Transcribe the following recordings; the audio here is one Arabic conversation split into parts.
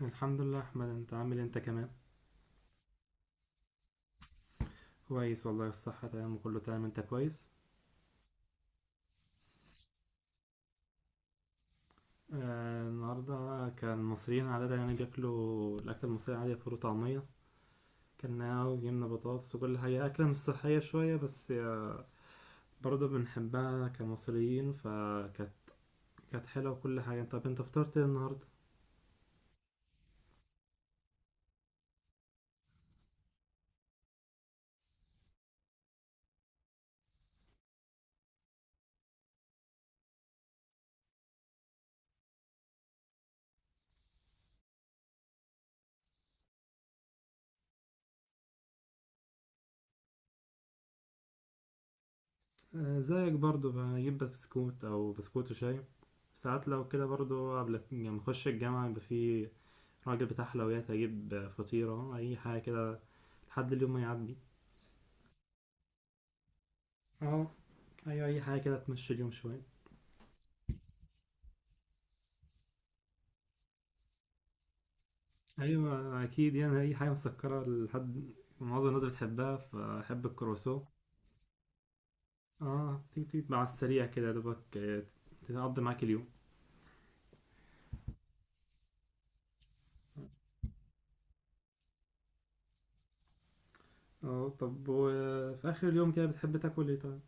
الحمد لله يا احمد، انت عامل إيه انت كمان؟ كويس والله، الصحة تمام وكله تمام، انت كويس؟ آه، النهاردة كان المصريين عادة يعني بياكلوا الأكل المصري عادي، فول وطعمية، كلناها وجبنا بطاطس وكل حاجة، أكلة مش صحية شوية بس برضه بنحبها كمصريين، فكانت حلوة وكل حاجة. طب انت فطرت ايه النهاردة؟ آه، زيك برضه بجيب بسكوت أو بسكوت وشاي، ساعات لو كده برضه قبل ما نخش الجامعة يبقى فيه راجل بتاع حلويات، اجيب فطيرة اي حاجة كده لحد اليوم ما يعدي. اهو. ايوه اي حاجة كده تمشي اليوم شوية. ايوه اكيد، يعني اي حاجة مسكرة لحد معظم الناس بتحبها، فاحب الكرواسون. اه، تيجي تيجي مع السريع كده يا دوبك، تقضي معاك اليوم. اه طب وفي اخر اليوم كده بتحب تاكل ايه طيب؟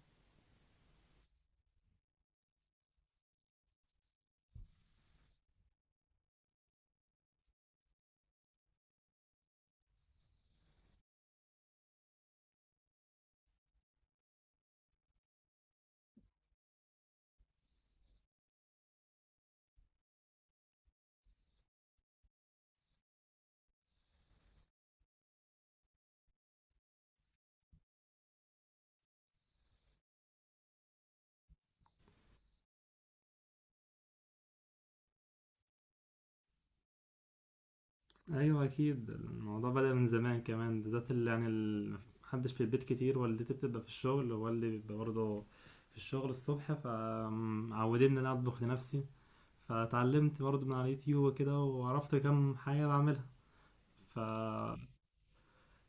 ايوه اكيد، الموضوع بدأ من زمان كمان، بالذات اللي يعني محدش في البيت كتير، والدتي بتبقى في الشغل ووالدي بيبقى برضه في الشغل الصبح، فمعودين ان انا اطبخ لنفسي. فتعلمت برضه من على اليوتيوب وكده، وعرفت كم حاجة بعملها. ف...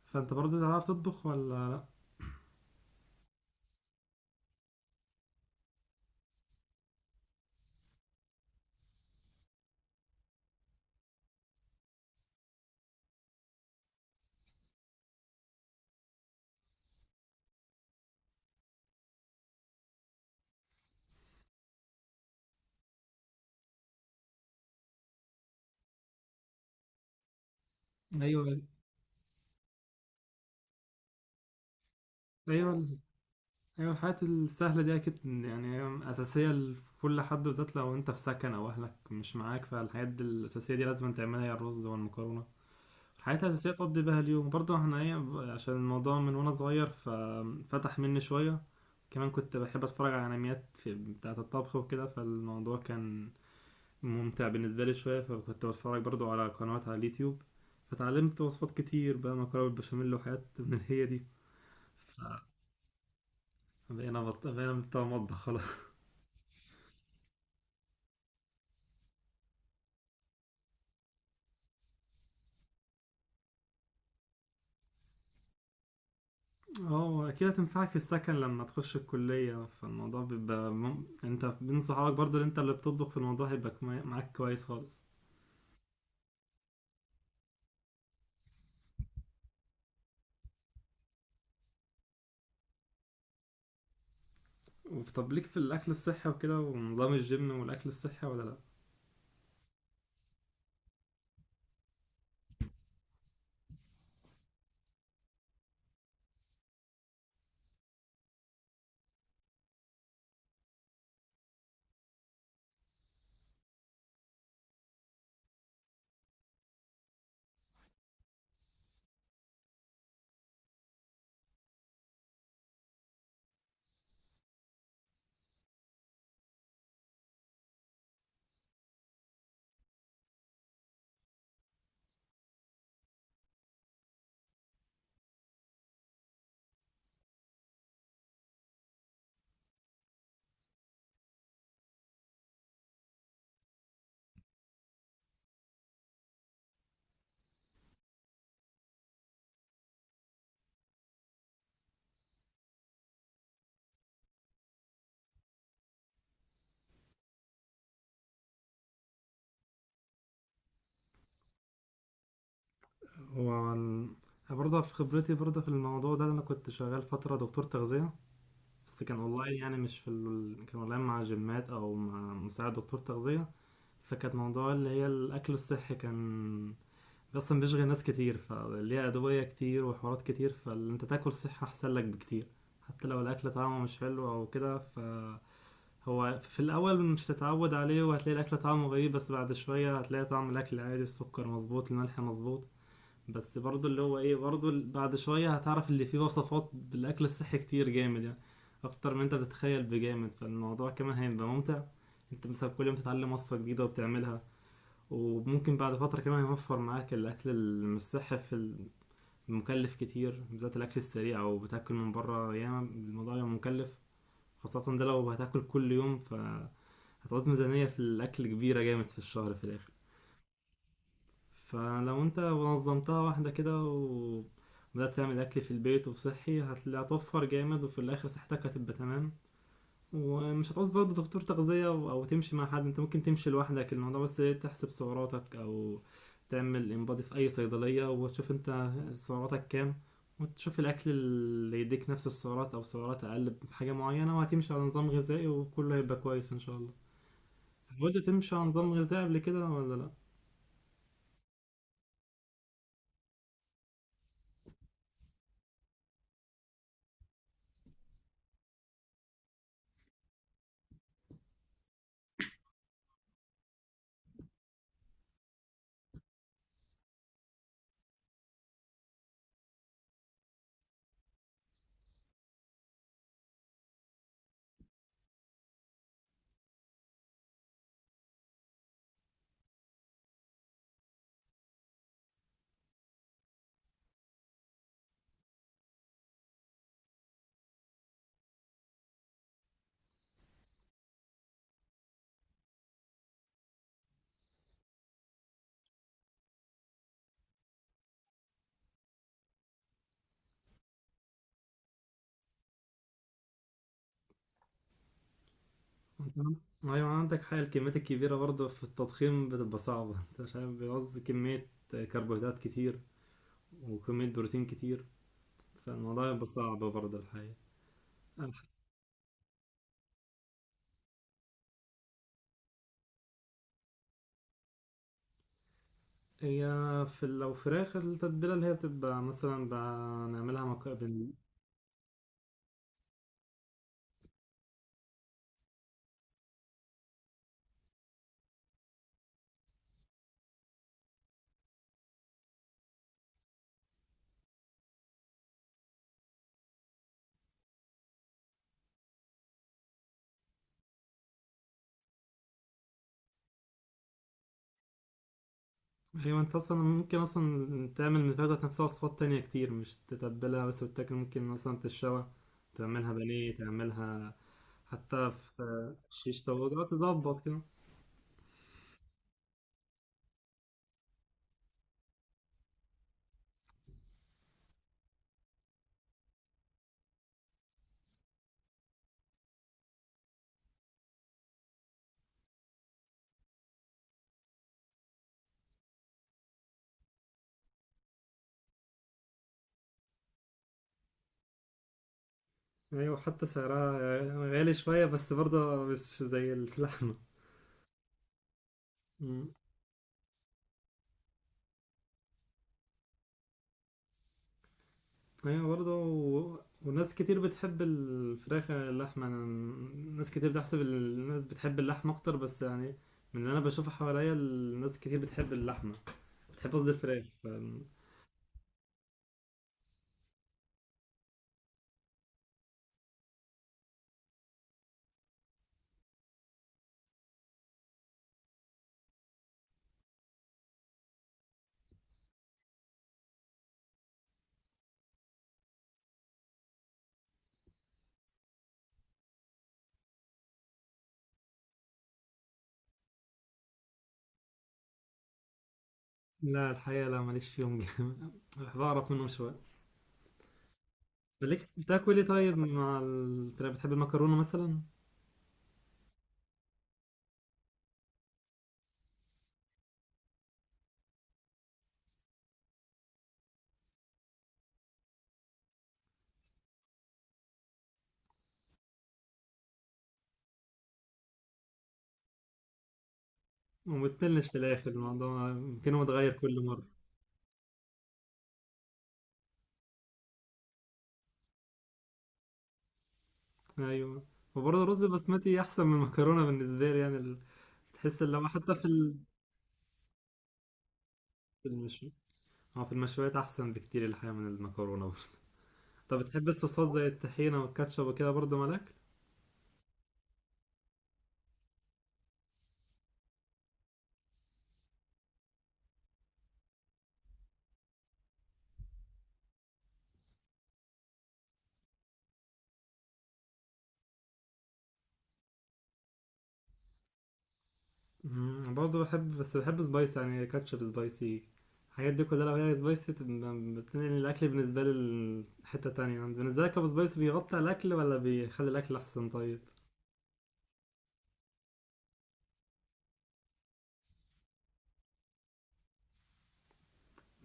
فانت برضه تعرف تطبخ ولا لا؟ ايوه ايوه ايوه، الحاجات السهلة دي اكيد يعني اساسية لكل حد، بالذات لو انت في سكن او اهلك مش معاك، فالحاجات دي الاساسية دي لازم تعملها، هي الرز والمكرونة، حياتي الأساسية تقضي بها اليوم. برضه احنا ايه، عشان الموضوع من وانا صغير ففتح مني شوية، كمان كنت بحب اتفرج على انميات في بتاعة الطبخ وكده، فالموضوع كان ممتع بالنسبة لي شوية، فكنت بتفرج برضه على قنوات على اليوتيوب، فتعلمت وصفات كتير، بقى مكرونة بالبشاميل وحاجات من هي دي. بقينا بتوع مطبخ خلاص اه اكيد هتنفعك في السكن لما تخش الكلية، فالموضوع بيبقى انت بين صحابك برضه، اللي انت اللي بتطبخ في الموضوع، هيبقى معاك كويس خالص. طب ليك في الاكل الصحي وكده ونظام الجيم والاكل الصحي ولا لا؟ هو ال- برضه في خبرتي برضه في الموضوع ده، انا كنت شغال فتره دكتور تغذيه، بس كان اونلاين، يعني مش في كان اونلاين مع جيمات او مع مساعد دكتور تغذيه. فكانت موضوع اللي هي الاكل الصحي، كان اصلا بيشغل ناس كتير، فليها ادويه كتير وحوارات كتير، فاللي انت تاكل صحي احسن لك بكتير، حتى لو الاكل طعمه مش حلو او كده ف هو في الأول مش هتتعود عليه، وهتلاقي الأكل طعمه غريب، بس بعد شوية هتلاقي طعم الأكل عادي، السكر مظبوط الملح مظبوط. بس برضو اللي هو بعد شوية هتعرف اللي فيه وصفات بالأكل الصحي كتير جامد، يعني أكتر من أنت بتتخيل بجامد، فالموضوع كمان هيبقى ممتع. أنت مثلا كل يوم تتعلم وصفة جديدة وبتعملها، وممكن بعد فترة كمان يوفر معاك الأكل المش صحي في المكلف كتير، بالذات الأكل السريع أو بتاكل من بره ياما الموضوع يبقى مكلف، خاصة ده لو هتاكل كل يوم ف هتعوز ميزانية في الأكل كبيرة جامد في الشهر في الآخر. فلو أنت نظمتها واحدة كده وبدأت تعمل أكل في البيت وفي صحي هتوفر جامد، وفي الآخر صحتك هتبقى تمام، ومش هتعوز برضه دكتور تغذية أو تمشي مع حد، أنت ممكن تمشي لوحدك الموضوع، بس تحسب سعراتك أو تعمل انبادي في أي صيدلية وتشوف أنت سعراتك كام، وتشوف الأكل اللي يديك نفس السعرات أو سعرات أقل بحاجة معينة، وهتمشي على نظام غذائي وكله هيبقى كويس إن شاء الله. حاولت تمشي على نظام غذائي قبل كده ولا لا؟ انت عن- ايوه عندك حق، الكميات الكبيرة برضه في التضخيم بتبقى صعبة انت مش عارف بيعوز كمية كربوهيدرات كتير وكمية بروتين كتير، فالموضوع يبقى صعب برضه الحقيقة. الح- هي في لو فراخ، التتبيلة اللي هي بتبقى مثلا بنعملها مقابل. أيوة، أنت أصلا ممكن أصلا تعمل من الفراخ ذات نفسها وصفات تانية كتير مش تتبلها بس، وتاكل ممكن مثلا تشوى، تعملها بانيه، تعملها حتى في شيش طاووق تظبط كده. ايوه حتى سعرها غالي شوية بس برضه مش زي اللحمة. مم. ايوه برضه وناس كتير بتحب الفراخ عن اللحمة، ناس كتير بتحسب الناس بتحب اللحمة اكتر، بس يعني من اللي انا بشوفه حواليا الناس كتير بتحب اللحمة، بتحب قصدي الفراخ. لا الحقيقة لا ماليش فيهم جامد بعرف منهم شوية. مالك بتاكل ايه طيب مع الفراخ، بتحب المكرونة مثلا؟ ومتملش في الاخر الموضوع، يمكن هو اتغير كل مرة. ايوه، وبرضه الرز البسمتي احسن من المكرونه بالنسبه لي، يعني تحس اللي هو حتى في في المشوي، اه في المشويات احسن بكتير الحقيقه من المكرونه برضه طب بتحب الصوصات زي الطحينه والكاتشب وكده برضه مالك؟ برضه بحب، بس بحب سبايسي، يعني كاتشب سبايسي، الحاجات دي كلها لو هي سبايسي تبقى بتنقل الاكل بالنسبه لي لحته تانية، يعني بالنسبه لك ابو سبايسي بيغطي على الاكل ولا بيخلي الاكل احسن طيب؟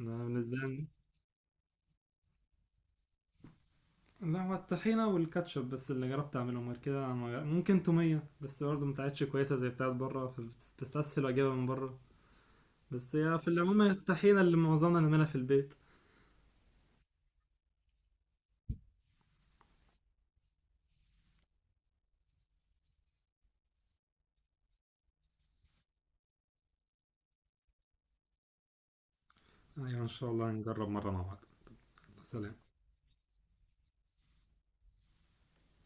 انا بالنسبه لي لا، هو الطحينة والكاتشب بس اللي جربت اعملهم، غير كده ممكن تومية، بس برضه ما بتاعتش كويسة زي بتاعت بره فبستسهل واجيبها من بره، بس هي في العموم الطحينة اللي معظمنا نعملها في البيت. ايوه ان شاء الله نجرب مرة مع بعض. سلام.